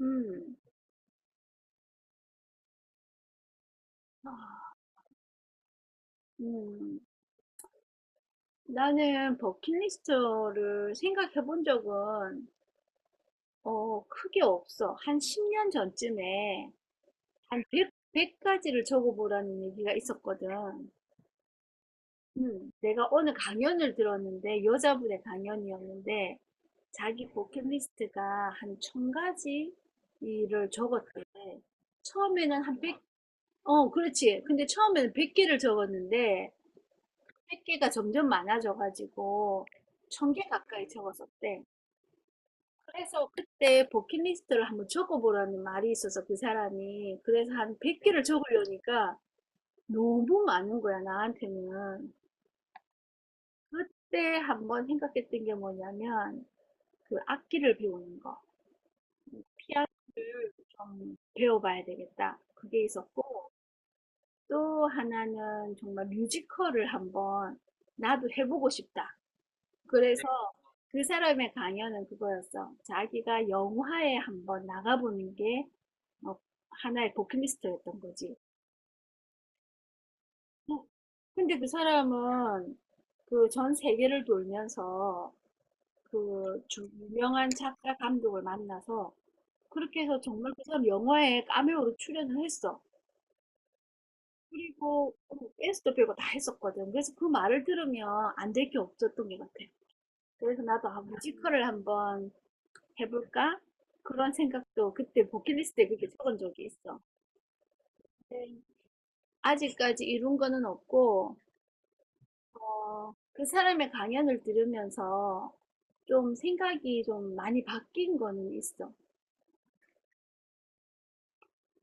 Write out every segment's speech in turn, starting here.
음. 음. 나는 버킷리스트를 생각해 본 적은 크게 없어. 한 10년 전쯤에 한 100, 가지를 적어보라는 얘기가 있었거든. 음. 내가 어느 강연을 들었는데 여자분의 강연이었는데 자기 버킷리스트가 한 1000가지 일을 적었대. 처음에는 한 백, 그렇지. 근데 처음에는 100개를 적었는데 100개가 점점 많아져가지고 1000개 가까이 적었었대. 그래서 그때 버킷리스트를 한번 적어보라는 말이 있어서 그 사람이 그래서 한 100개를 적으려니까 너무 많은 거야 나한테는. 그때 한번 생각했던 게 뭐냐면 그 악기를 배우는 거, 피아노를 좀 배워봐야 되겠다. 그게 있었고 또 하나는 정말 뮤지컬을 한번 나도 해보고 싶다. 그래서 그 사람의 강연은 그거였어. 자기가 영화에 한번 나가보는 게 어, 하나의 버킷리스트였던 거지. 어, 근데 그 사람은 그 전 세계를 돌면서 유명한 작가 감독을 만나서 그렇게 해서 정말 그 사람 영화에 카메오로 출연을 했어. 그리고 댄스도 배우고 다 했었거든. 그래서 그 말을 들으면 안 될 게 없었던 것 같아. 그래서 나도 아, 뮤지컬을 한번 해볼까? 그런 생각도 그때 버킷리스트에 그렇게 적은 적이 있어. 네. 아직까지 이룬 거는 없고, 그 사람의 강연을 들으면서 좀 생각이 좀 많이 바뀐 거는 있어.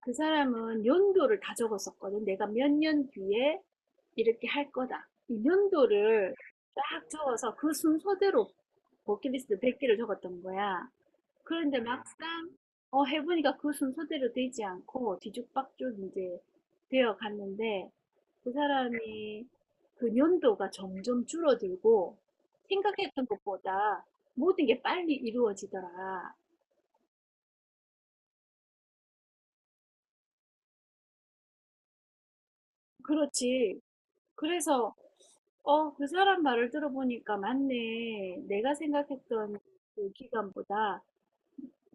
그 사람은 연도를 다 적었었거든. 내가 몇 년 뒤에 이렇게 할 거다. 이 연도를 딱 적어서 그 순서대로 버킷리스트 100개를 적었던 거야. 그런데 막상 해보니까 그 순서대로 되지 않고 뒤죽박죽 이제 되어 갔는데 그 사람이 그 연도가 점점 줄어들고 생각했던 것보다 모든 게 빨리 이루어지더라. 그렇지. 그래서 그 사람 말을 들어보니까 맞네. 내가 생각했던 그 기간보다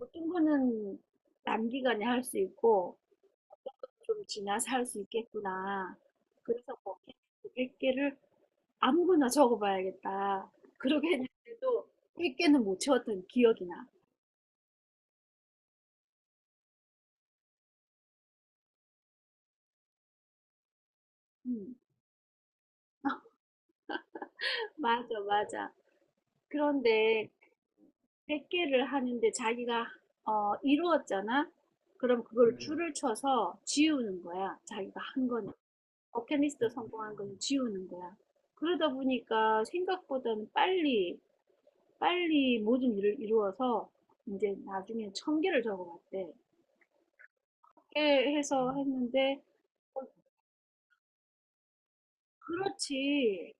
어떤 거는 단기간에 할 수 있고 좀 지나서 할 수 있겠구나. 그래서 거기 100개를 아무거나 적어봐야겠다. 그러게 했는데도 100개는 못 채웠던 기억이 나. 음, 맞아, 맞아. 그런데 100개를 하는데 자기가 이루었잖아? 그럼 그걸 줄을 쳐서 지우는 거야. 자기가 한 거는. 버킷리스트 성공한 거는 지우는 거야. 그러다 보니까 생각보다는 빨리 모든 일을 이루어서 이제 나중에 천 개를 적어봤대. 게 해서 했는데 어, 그렇지.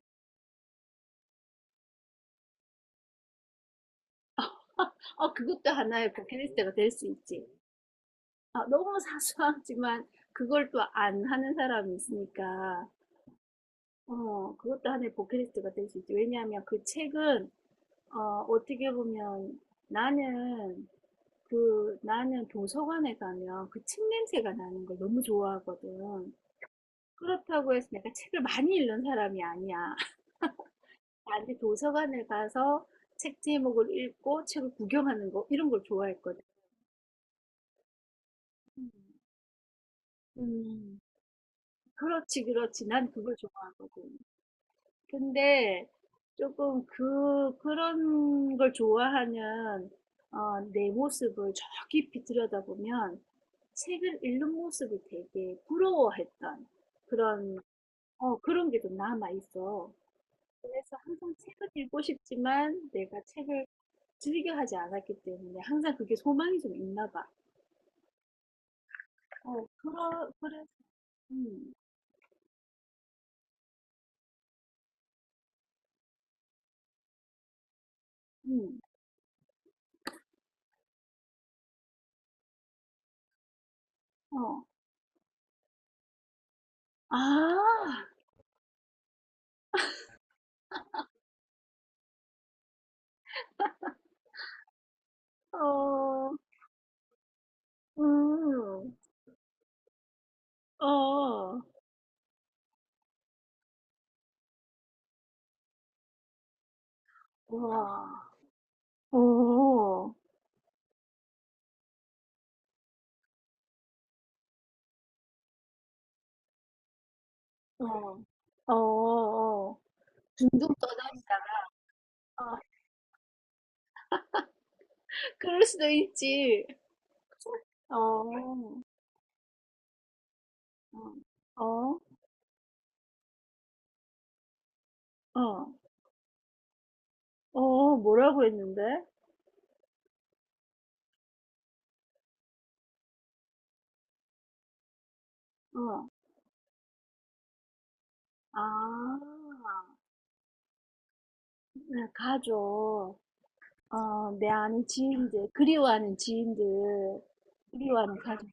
그것도 하나의 버킷리스트가 될 수 있지. 아, 너무 사소하지만 그걸 또 안 하는 사람이 있으니까 그것도 하나의 버킷리스트가 될 수 있지. 왜냐하면 그 책은 어, 어떻게 보면 나는 나는 도서관에 가면 그 책 냄새가 나는 걸 너무 좋아하거든. 그렇다고 해서 내가 책을 많이 읽는 사람이 아니야. 나는 도서관을 가서 책 제목을 읽고 책을 구경하는 거 이런 걸 좋아했거든. 음, 음, 그렇지, 그렇지. 난 그걸 좋아하거든. 근데 조금 그런 걸 좋아하면, 내 모습을 저 깊이 들여다보면 책을 읽는 모습이 되게 부러워했던 그런, 그런 게 좀 남아있어. 그래서 항상 책을 읽고 싶지만 내가 책을 즐겨 하지 않았기 때문에 항상 그게 소망이 좀 있나 봐. 어, 그러 그래서 음. 음. 어. 아. 어. 음. 어. 와 오. 어. 어어어. 둥둥 떠다니다가 어. 그럴 수도 있지. 어. 어. 어. 어. 어 뭐라고 했는데? 어. 아. 네 가족. 어, 내 아는 지인들, 그리워하는 지인들, 그리워하는 가족.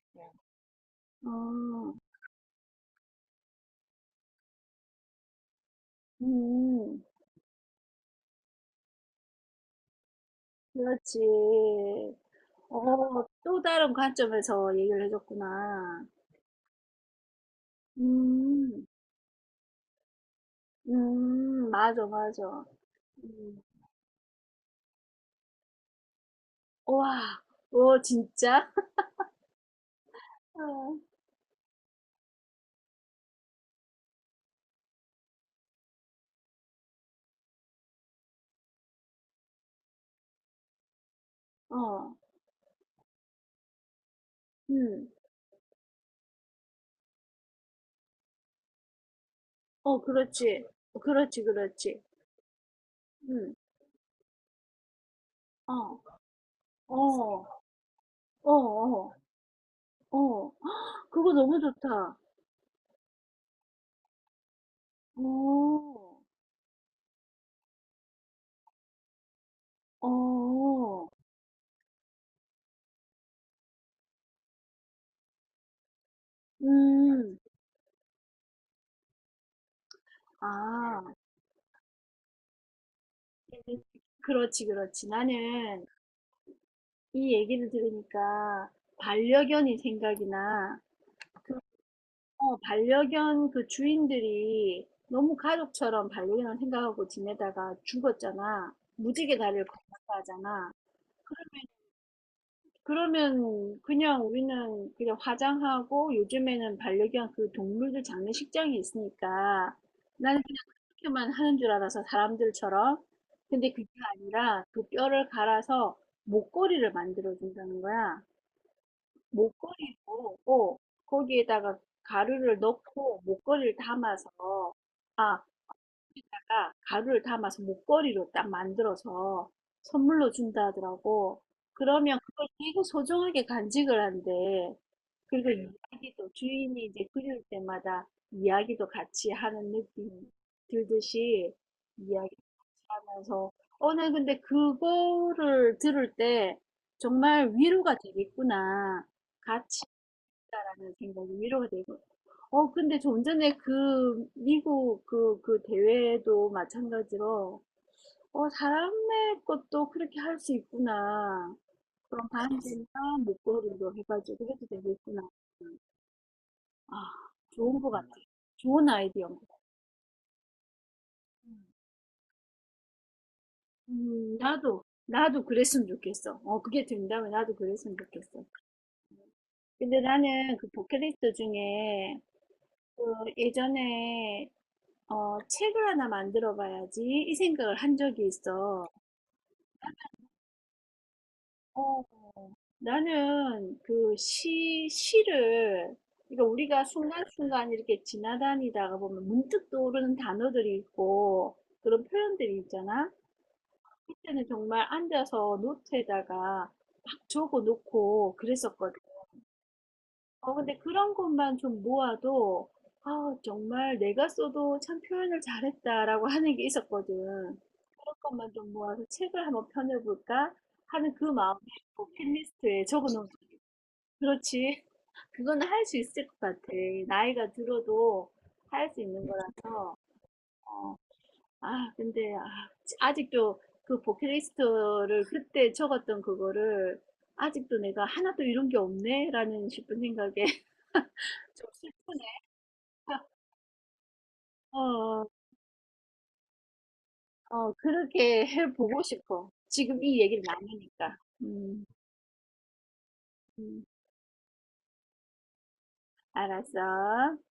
어, 음, 그렇지. 또 다른 관점에서 얘기를 해줬구나. 음, 맞아, 맞아. 음, 와, 오, 진짜? 어, 어, 음, 어, 그렇지. 그렇지, 그렇지. 음, 어, 어, 어, 어, 어. 헉, 그거 너무 좋다. 어, 어. 음. 아. 그렇지, 그렇지. 나는 이 얘기를 들으니까 반려견이 생각이나 그 반려견 그 주인들이 너무 가족처럼 반려견을 생각하고 지내다가 죽었잖아. 무지개 다리를 건넜다 하잖아. 그러면 그냥 우리는 그냥 화장하고 요즘에는 반려견 그 동물들 장례식장이 있으니까 나는 그냥 그렇게만 하는 줄 알아서 사람들처럼. 근데 그게 아니라 그 뼈를 갈아서 목걸이를 만들어 준다는 거야. 목걸이로 거기에다가 가루를 넣고 목걸이를 담아서 아, 다가 가루를 담아서 목걸이로 딱 만들어서 선물로 준다 하더라고. 그러면 그걸 되게 소중하게 간직을 한대. 그리고 이야기도 주인이 이제 그릴 때마다 이야기도 같이 하는 느낌 들듯이 이야기 하면서 오늘 근데 그거를 들을 때 정말 위로가 되겠구나. 같이 있다라는 생각이 위로가 되고 근데 좀 전에 그 미국 그 대회도 마찬가지로, 사람의 것도 그렇게 할 수 있구나. 그럼 반지나 목걸이로 해가지고 해도 되겠구나. 아, 좋은 것 같아. 좋은 아이디어인 것 같아. 음. 나도 그랬으면 좋겠어. 그게 된다면 나도 그랬으면 좋겠어. 근데 나는 그 버킷리스트 중에 그 예전에 책을 하나 만들어 봐야지 이 생각을 한 적이 있어. 어, 나는 시를, 그러니까 우리가 순간순간 이렇게 지나다니다가 보면 문득 떠오르는 단어들이 있고 그런 표현들이 있잖아. 그때는 정말 앉아서 노트에다가 막 적어 놓고 그랬었거든. 근데 그런 것만 좀 모아도, 아, 정말 내가 써도 참 표현을 잘했다라고 하는 게 있었거든. 그런 것만 좀 모아서 책을 한번 펴내볼까 하는 그 마음이 꼭 펜리스트에 적어 놓은 거 그렇지. 그건 할 수 있을 것 같아. 나이가 들어도 할 수 있는 거라서. 어. 아, 근데 아, 아직도 그 버킷리스트를 그때 적었던 그거를 아직도 내가 하나도 이런 게 없네라는 싶은 생각에 좀 슬프네. 어, 어, 그렇게 해보고 싶어. 지금 이 얘기를 나누니까. 음, 음, 알았어.